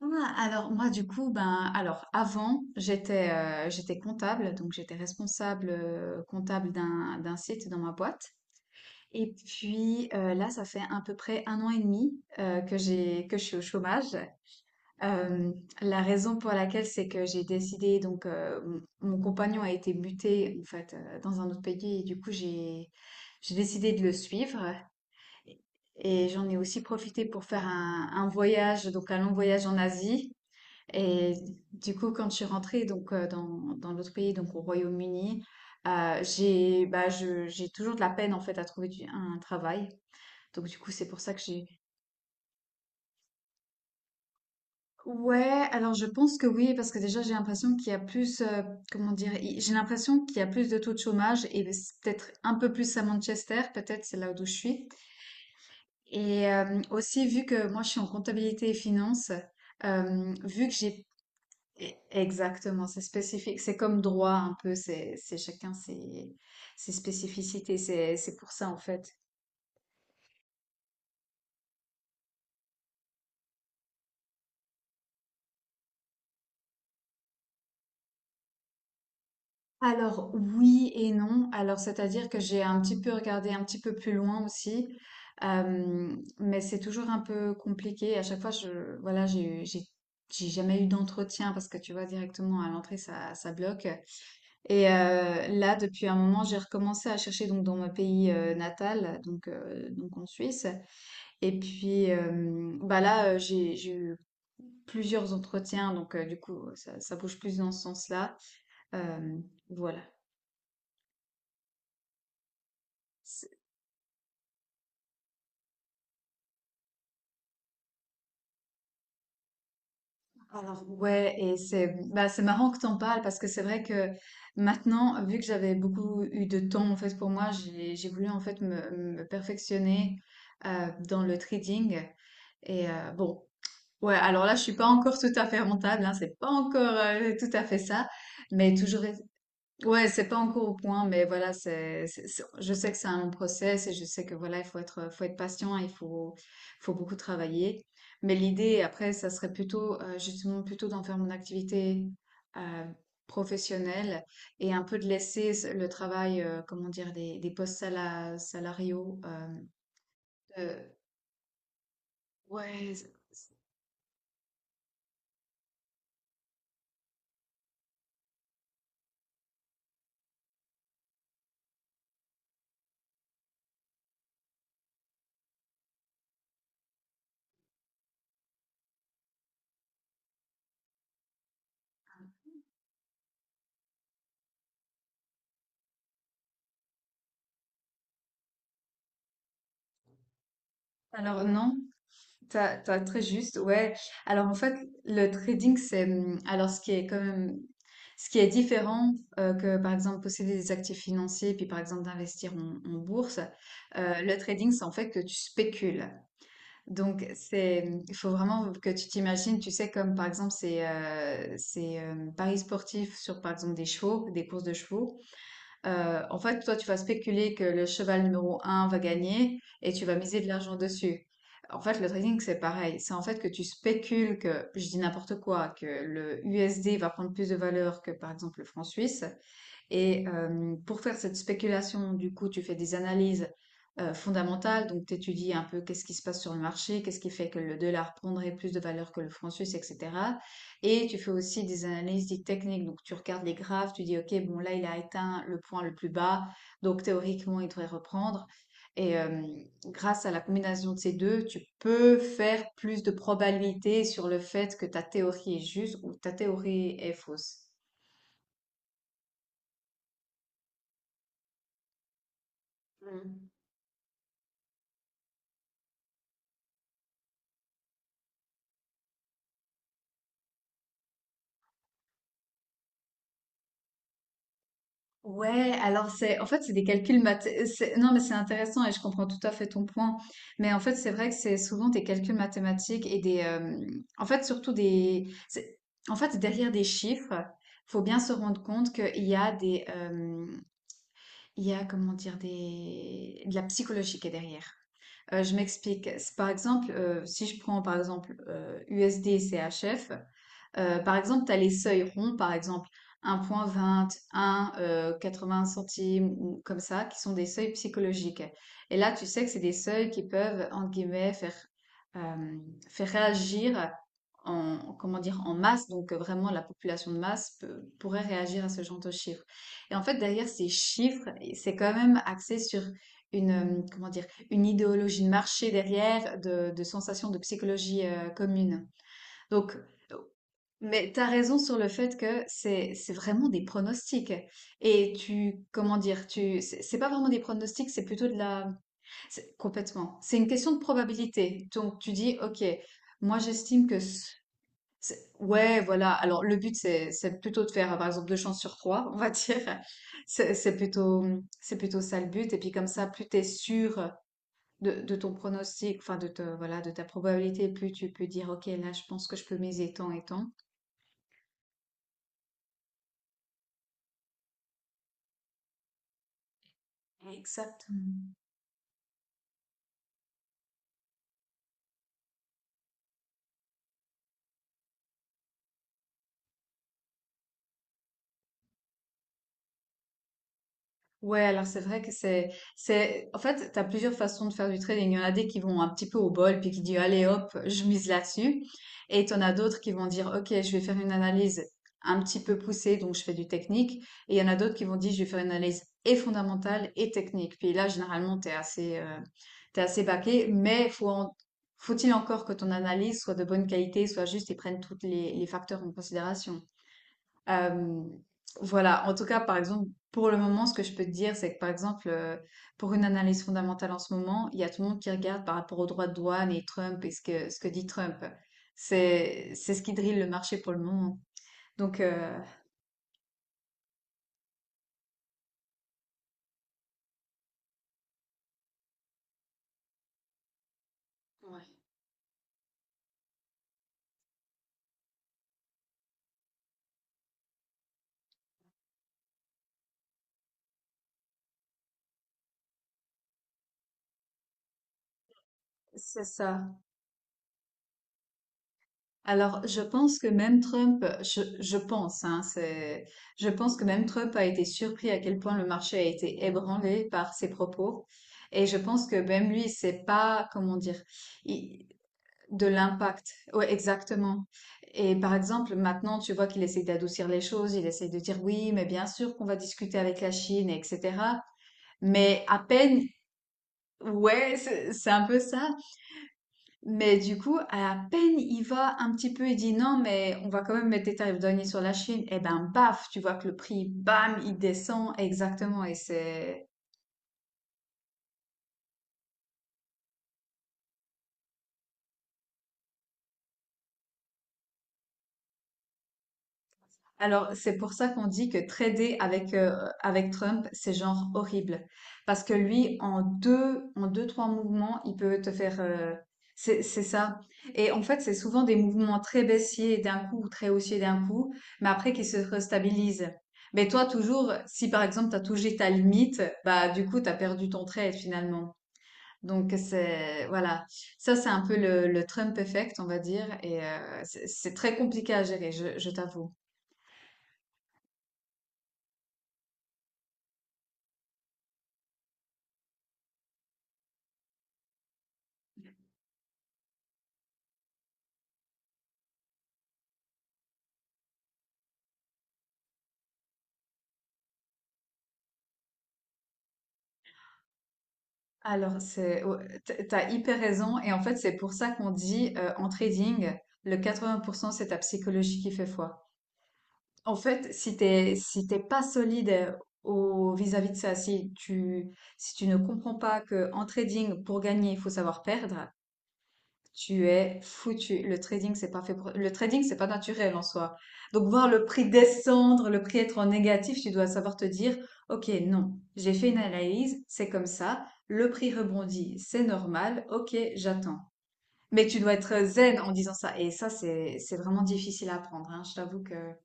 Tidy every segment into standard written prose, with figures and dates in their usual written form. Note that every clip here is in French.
Ah, alors moi du coup ben alors avant j'étais comptable, donc j'étais responsable comptable d'un site dans ma boîte. Et puis là ça fait à peu près 1 an et demi que je suis au chômage. Euh, la raison pour laquelle c'est que j'ai décidé, donc mon compagnon a été muté en fait dans un autre pays, et du coup j'ai décidé de le suivre. Et j'en ai aussi profité pour faire un voyage, donc un long voyage en Asie. Et du coup, quand je suis rentrée, donc dans l'autre pays, donc au Royaume-Uni, j'ai toujours de la peine en fait à trouver un travail. Donc du coup, c'est pour ça que j'ai... Ouais, alors je pense que oui, parce que déjà j'ai l'impression qu'il y a plus, comment dire, j'ai l'impression qu'il y a plus de taux de chômage, et c'est peut-être un peu plus à Manchester, peut-être c'est là où je suis. Et aussi vu que moi je suis en comptabilité et finance, vu que j'ai E- Exactement, c'est spécifique. C'est comme droit un peu, c'est chacun ses spécificités. C'est pour ça en fait. Alors oui et non. Alors c'est-à-dire que j'ai un petit peu regardé un petit peu plus loin aussi. Mais c'est toujours un peu compliqué. À chaque fois, je voilà, j'ai jamais eu d'entretien parce que tu vois directement à l'entrée ça bloque. Et là, depuis un moment, j'ai recommencé à chercher, donc dans mon pays natal, donc en Suisse. Et puis bah là, j'ai eu plusieurs entretiens, donc du coup, ça bouge plus dans ce sens-là. Euh, voilà. C'est- Ouais, et c'est marrant que t'en parles, parce que c'est vrai que maintenant, vu que j'avais beaucoup eu de temps en fait pour moi, j'ai voulu en fait me perfectionner dans le trading. Et bon, ouais, alors là, je suis pas encore tout à fait rentable, hein, c'est pas encore tout à fait ça, mais toujours... Ouais, c'est pas encore au point, mais voilà, je sais que c'est un long process, et je sais que voilà, faut être patient, faut beaucoup travailler. Mais l'idée, après, ça serait plutôt, justement, plutôt d'en faire mon activité euh, professionnelle, et un peu de laisser le travail, comment dire, des salariaux. Euh, ouais, alors non. T'as très juste, ouais. Alors en fait, le trading, c'est alors ce qui est quand même ce qui est différent, que par exemple posséder des actifs financiers, puis par exemple d'investir en bourse. Le trading, c'est en fait que tu spécules. Donc il faut vraiment que tu t'imagines, tu sais, comme par exemple c'est paris sportifs sur par exemple des chevaux, des courses de chevaux. En fait, toi, tu vas spéculer que le cheval numéro 1 va gagner et tu vas miser de l'argent dessus. En fait, le trading, c'est pareil. C'est en fait que tu spécules que, je dis n'importe quoi, que le USD va prendre plus de valeur que, par exemple, le franc suisse. Et pour faire cette spéculation, du coup, tu fais des analyses fondamentales, donc tu étudies un peu qu'est-ce qui se passe sur le marché, qu'est-ce qui fait que le dollar prendrait plus de valeur que le franc suisse, etc. Et tu fais aussi des analyses dites techniques, donc tu regardes les graphes, tu dis, OK, bon, là, il a atteint le point le plus bas, donc théoriquement, il devrait reprendre. Et grâce à la combinaison de ces deux, tu peux faire plus de probabilité sur le fait que ta théorie est juste ou ta théorie est fausse. Ouais, alors c'est en fait c'est des calculs math, non mais c'est intéressant et je comprends tout à fait ton point. Mais en fait c'est vrai que c'est souvent des calculs mathématiques et des en fait surtout en fait derrière des chiffres, faut bien se rendre compte qu'il y a des il y a, comment dire, des de la psychologie qui est derrière. Je m'explique. C'est Par exemple, si je prends par exemple USD et CHF, par exemple, tu as les seuils ronds, par exemple 1,20, un 20 centimes, ou comme ça, qui sont des seuils psychologiques. Et là, tu sais que c'est des seuils qui peuvent, entre guillemets, euh, faire réagir comment dire, en masse. Donc, vraiment, la population de masse pourrait réagir à ce genre de chiffres. Et en fait, derrière ces chiffres, c'est quand même axé sur comment dire, une idéologie de marché derrière, de sensations de psychologie commune. Donc, mais t'as raison sur le fait que c'est vraiment des pronostics. Et comment dire, c'est pas vraiment des pronostics, c'est plutôt complètement. C'est une question de probabilité. Donc tu dis, ok, moi j'estime que, ouais, voilà. Alors le but c'est plutôt de faire, par exemple, deux chances sur trois, on va dire. C'est c'est plutôt c'est plutôt ça le but. Et puis comme ça, plus t'es sûr de ton pronostic, enfin voilà, de ta probabilité, plus tu peux dire, ok, là je pense que je peux miser tant et tant. Exactement. Ouais, alors c'est vrai que en fait, t'as plusieurs façons de faire du trading. Il y en a des qui vont un petit peu au bol, puis qui disent, allez hop, je mise là-dessus. Et t'en as d'autres qui vont dire, ok, je vais faire une analyse un petit peu poussée, donc je fais du technique. Et il y en a d'autres qui vont dire, je vais faire une analyse et fondamentale et technique. Puis là, généralement, t'es assez baqué, mais faut-il encore que ton analyse soit de bonne qualité, soit juste et prenne tous les facteurs en considération. Euh, voilà, en tout cas, par exemple, pour le moment, ce que je peux te dire, c'est que par exemple, pour une analyse fondamentale en ce moment, il y a tout le monde qui regarde par rapport aux droits de douane et Trump et ce que dit Trump. C'est ce qui drille le marché pour le moment. Donc, ouais. C'est ça. Alors, je pense que même Trump, je pense, hein, je pense que même Trump a été surpris à quel point le marché a été ébranlé par ses propos. Et je pense que même lui, c'est pas, comment dire. De l'impact. Ouais, exactement. Et par exemple, maintenant, tu vois qu'il essaie d'adoucir les choses, il essaie de dire oui, mais bien sûr qu'on va discuter avec la Chine, etc. Mais à peine, ouais, c'est un peu ça. Mais du coup, à peine il va un petit peu, il dit non, mais on va quand même mettre des tarifs douaniers sur la Chine. Et ben, baf, tu vois que le prix, bam, il descend. Exactement. Et c'est... Alors, c'est pour ça qu'on dit que trader avec Trump, c'est genre horrible. Parce que lui, en deux, trois mouvements, il peut te faire... c'est ça. Et en fait, c'est souvent des mouvements très baissiers d'un coup ou très haussiers d'un coup, mais après qui se restabilisent. Mais toi, toujours, si par exemple, tu as touché ta limite, bah du coup, tu as perdu ton trade finalement. Donc, c'est... Voilà. Ça, c'est un peu le Trump effect, on va dire. Et c'est très compliqué à gérer, je t'avoue. Alors, ouais, t'as hyper raison. Et en fait, c'est pour ça qu'on dit en trading, le 80%, c'est ta psychologie qui fait foi. En fait, si t'es pas solide, vis-à-vis de ça, si tu ne comprends pas que en trading, pour gagner, il faut savoir perdre, tu es foutu. Le trading, c'est pas naturel en soi. Donc, voir le prix descendre, le prix être en négatif, tu dois savoir te dire, OK, non, j'ai fait une analyse, c'est comme ça, le prix rebondit, c'est normal, OK, j'attends. Mais tu dois être zen en disant ça. Et ça, c'est vraiment difficile à apprendre, hein. Je t'avoue que... Ouais.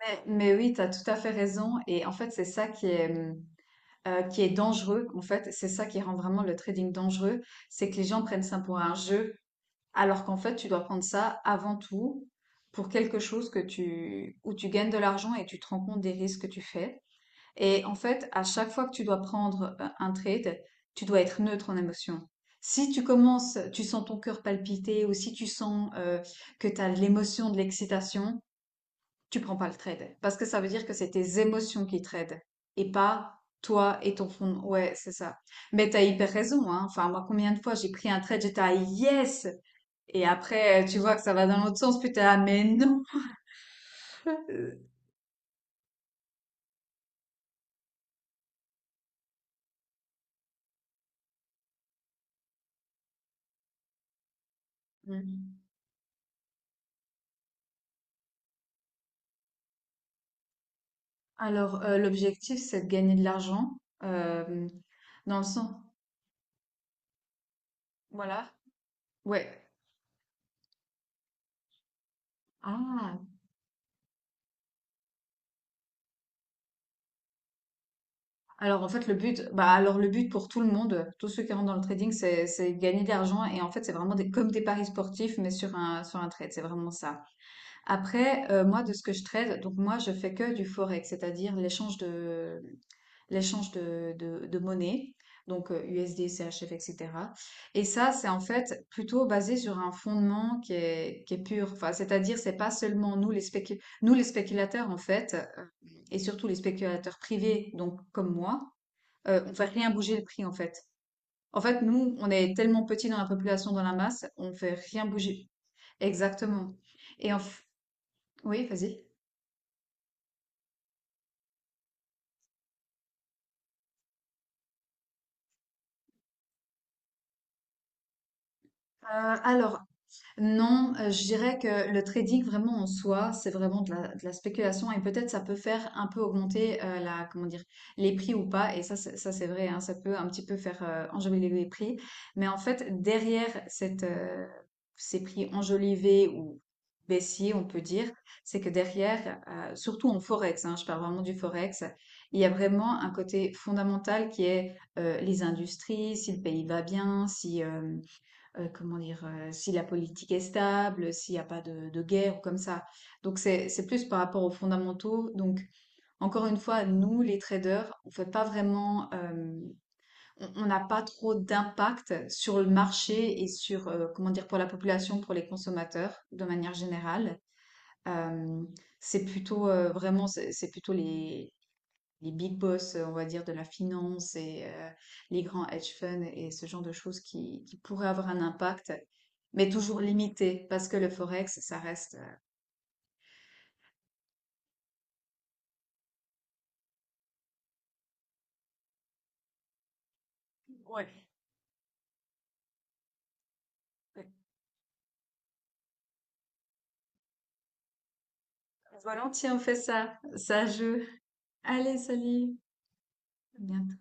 Mais oui, tu as tout à fait raison. Et en fait, c'est ça qui est dangereux. En fait, c'est ça qui rend vraiment le trading dangereux. C'est que les gens prennent ça pour un jeu. Alors qu'en fait, tu dois prendre ça avant tout pour quelque chose que où tu gagnes de l'argent, et tu te rends compte des risques que tu fais. Et en fait, à chaque fois que tu dois prendre un trade, tu dois être neutre en émotion. Si tu commences, tu sens ton cœur palpiter, ou si tu sens que tu as l'émotion de l'excitation, tu prends pas le trade. Parce que ça veut dire que c'est tes émotions qui tradent et pas toi et ton fond. Ouais, c'est ça. Mais t'as hyper raison, hein. Enfin, moi, combien de fois j'ai pris un trade, j'étais à yes! Et après, tu vois que ça va dans l'autre sens, puis t'es là, mais non. Euh, Mhm. Alors, l'objectif, c'est de gagner de l'argent, euh, dans le sens, voilà, ouais. Ah. Alors, en fait, le but, bah, alors le but pour tout le monde, tous ceux qui rentrent dans le trading, c'est de gagner de l'argent. Et en fait, c'est vraiment comme des paris sportifs, mais sur un trade. C'est vraiment ça. Après, moi, de ce que je trade, donc moi, je fais que du forex, c'est-à-dire l'échange de monnaie, donc USD, CHF, etc. Et cetera. Et ça, c'est en fait plutôt basé sur un fondement qui est pur. Enfin, c'est-à-dire, c'est pas seulement nous, les spéculateurs, en fait, et surtout les spéculateurs privés, donc comme moi, on fait rien bouger le prix, en fait. En fait, nous, on est tellement petits dans la population, dans la masse, on fait rien bouger. Exactement. Et en f- oui, vas-y. Euh, alors, Non, je dirais que le trading vraiment en soi, c'est vraiment de la spéculation, et peut-être ça peut faire un peu augmenter, la, comment dire, les prix ou pas. Et ça, ça c'est vrai, hein, ça peut un petit peu faire enjoliver les prix. Mais en fait, ces prix enjolivés ou baissiers, on peut dire, c'est que derrière, surtout en forex, hein, je parle vraiment du forex, il y a vraiment un côté fondamental qui est, les industries, si le pays va bien, si comment dire, si la politique est stable, s'il n'y a pas de guerre ou comme ça. Donc c'est plus par rapport aux fondamentaux. Donc encore une fois, nous les traders, on n'a pas trop d'impact sur le marché et sur, comment dire, pour la population, pour les consommateurs de manière générale. Euh, c'est plutôt, vraiment c'est plutôt les big boss, on va dire, de la finance, et les grands hedge funds et ce genre de choses qui pourraient avoir un impact, mais toujours limité, parce que le forex, ça reste... Ouais. Volontiers, on fait ça. Ça joue. Allez, salut. À bientôt.